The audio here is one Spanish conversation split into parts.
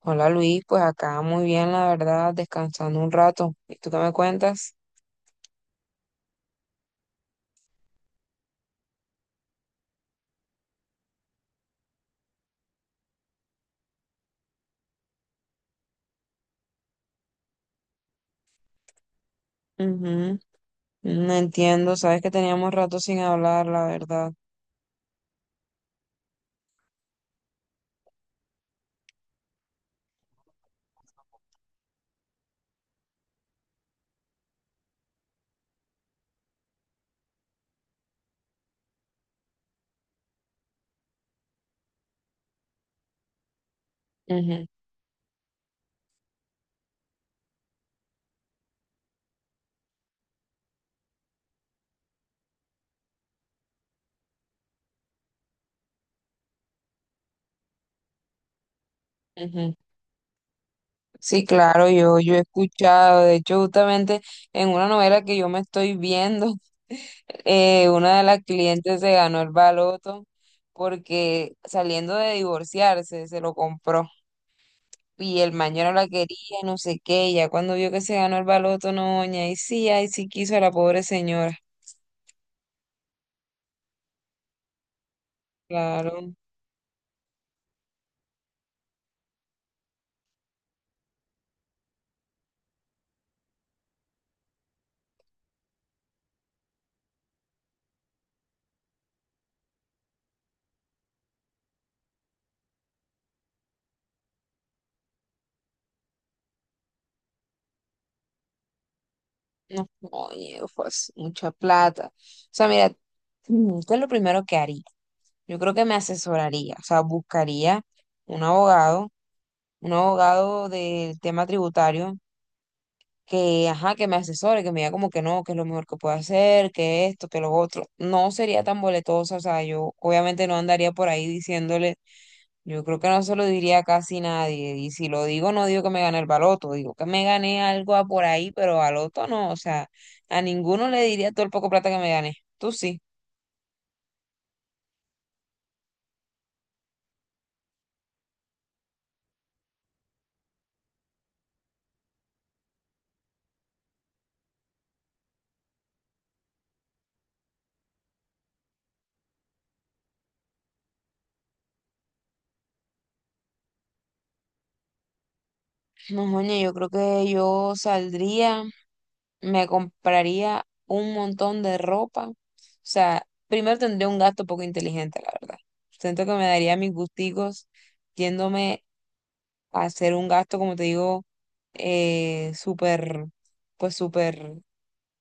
Hola Luis, pues acá muy bien, la verdad, descansando un rato. ¿Y tú qué me cuentas? Ujú. No entiendo, sabes que teníamos rato sin hablar, la verdad. Ujú, ujú. Sí, claro, yo he escuchado, de hecho, justamente en una novela que yo me estoy viendo. Una de las clientes se ganó el baloto porque saliendo de divorciarse, se lo compró. Y el mañana la quería, no sé qué, y ya cuando vio que se ganó el baloto, no, doña, y sí, ay sí quiso a la pobre señora, claro. No, oye, pues, mucha plata, o sea, mira, ¿qué es lo primero que haría? Yo creo que me asesoraría, o sea, buscaría un abogado, un abogado del tema tributario, que, ajá, que me asesore, que me diga como que no, que es lo mejor que puedo hacer, que esto, que lo otro. No sería tan boletosa, o sea, yo obviamente no andaría por ahí diciéndole, yo creo que no se lo diría a casi nadie, y si lo digo, no digo que me gané el baloto, digo que me gané algo a por ahí, pero baloto no, o sea, a ninguno le diría todo el poco plata que me gané. Tú sí. No, moña, yo creo que yo saldría. Me compraría un montón de ropa. O sea, primero tendría un gasto poco inteligente, la verdad. Siento que me daría mis gusticos yéndome a hacer un gasto, como te digo, eh, súper, pues súper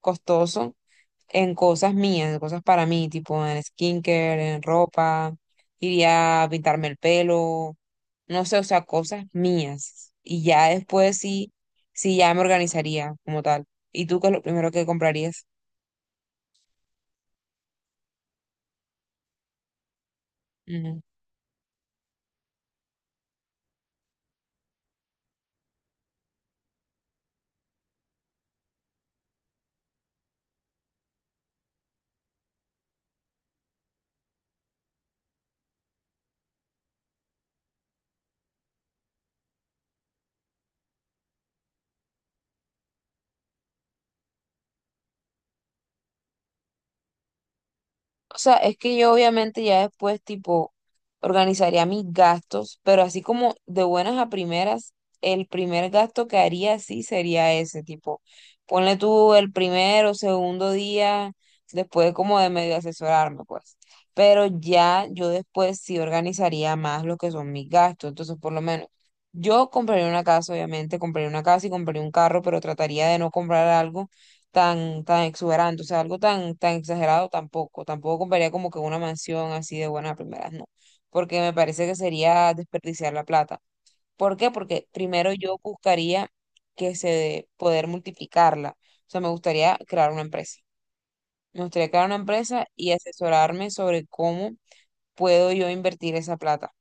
costoso en cosas mías, en cosas para mí, tipo en skincare, en ropa, iría a pintarme el pelo, no sé, o sea, cosas mías. Y ya después sí, sí ya me organizaría como tal. ¿Y tú qué es lo primero que comprarías? O sea, es que yo obviamente ya después, tipo, organizaría mis gastos, pero así como de buenas a primeras, el primer gasto que haría sí sería ese, tipo, ponle tú el primero, o segundo día, después como de medio asesorarme, pues. Pero ya yo después sí organizaría más lo que son mis gastos, entonces por lo menos yo compraría una casa, obviamente, compraría una casa y compraría un carro, pero trataría de no comprar algo tan exuberante, o sea, algo tan exagerado tampoco. Tampoco compraría como que una mansión así de buena a primeras, no, porque me parece que sería desperdiciar la plata. ¿Por qué? Porque primero yo buscaría que se poder multiplicarla. O sea, me gustaría crear una empresa. Me gustaría crear una empresa y asesorarme sobre cómo puedo yo invertir esa plata.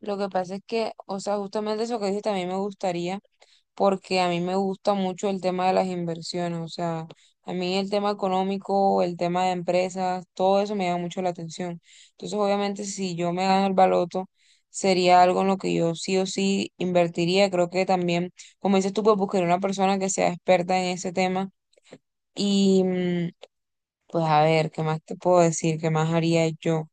Lo que pasa es que, o sea, justamente eso que dices también me gustaría porque a mí me gusta mucho el tema de las inversiones, o sea, a mí el tema económico, el tema de empresas, todo eso me llama mucho la atención. Entonces, obviamente, si yo me gano el baloto, sería algo en lo que yo sí o sí invertiría. Creo que también, como dices tú, pues buscaría una persona que sea experta en ese tema y pues, a ver, ¿qué más te puedo decir? ¿Qué más haría yo? O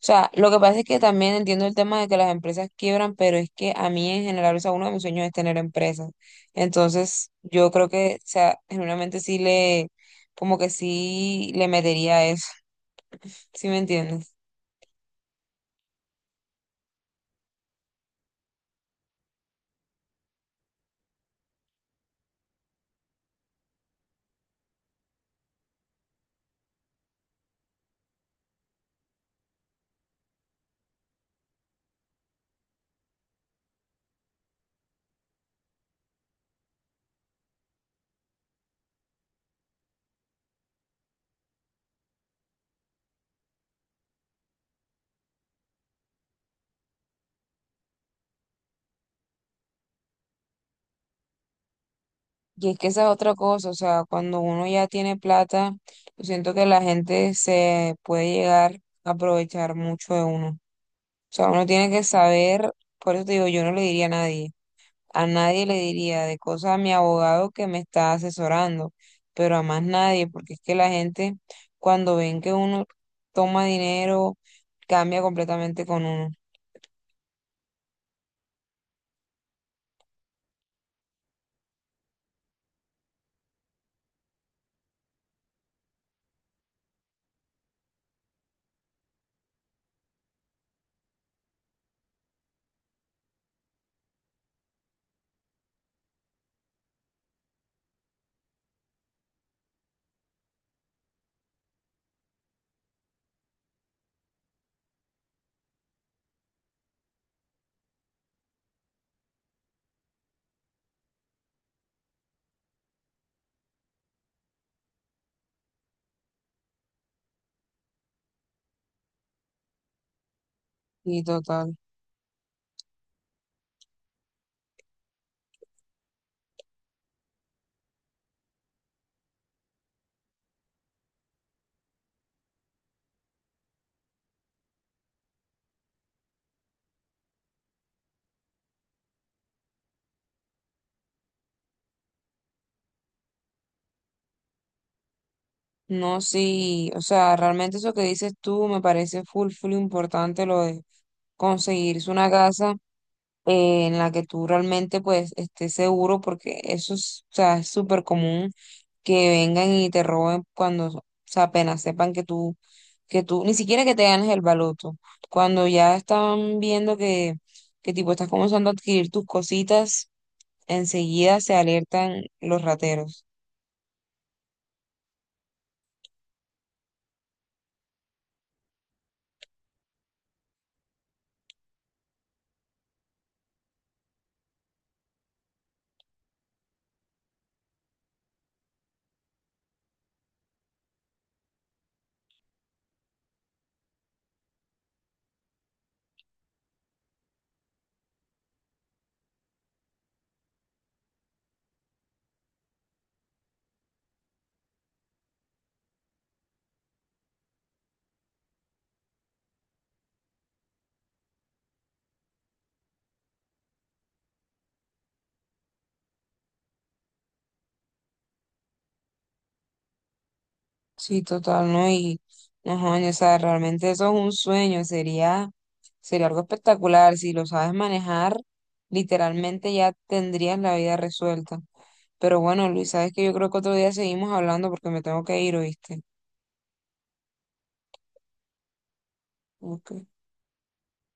sea, lo que pasa es que también entiendo el tema de que las empresas quiebran, pero es que a mí en general, o sea, uno de mis sueños es tener empresas. Entonces, yo creo que, o sea, genuinamente sí le, como que sí le metería a eso. ¿Sí me entiendes? Y es que esa es otra cosa, o sea, cuando uno ya tiene plata, yo siento que la gente se puede llegar a aprovechar mucho de uno. O sea, uno tiene que saber, por eso te digo, yo no le diría a nadie. A nadie le diría de cosas a mi abogado que me está asesorando, pero a más nadie, porque es que la gente cuando ven que uno toma dinero, cambia completamente con uno. Y total. No, sí, o sea, realmente eso que dices tú me parece full, full importante lo de conseguirse una casa en la que tú realmente pues estés seguro porque eso es, o sea, es súper común que vengan y te roben cuando, o sea, apenas sepan que tú, ni siquiera que te ganes el baloto, cuando ya están viendo que tipo estás comenzando a adquirir tus cositas, enseguida se alertan los rateros. Sí, total, ¿no? Y no jodas, o sea, realmente eso es un sueño, sería, sería algo espectacular. Si lo sabes manejar, literalmente ya tendrías la vida resuelta. Pero bueno, Luis, sabes que yo creo que otro día seguimos hablando porque me tengo que ir, ¿oíste? Ok.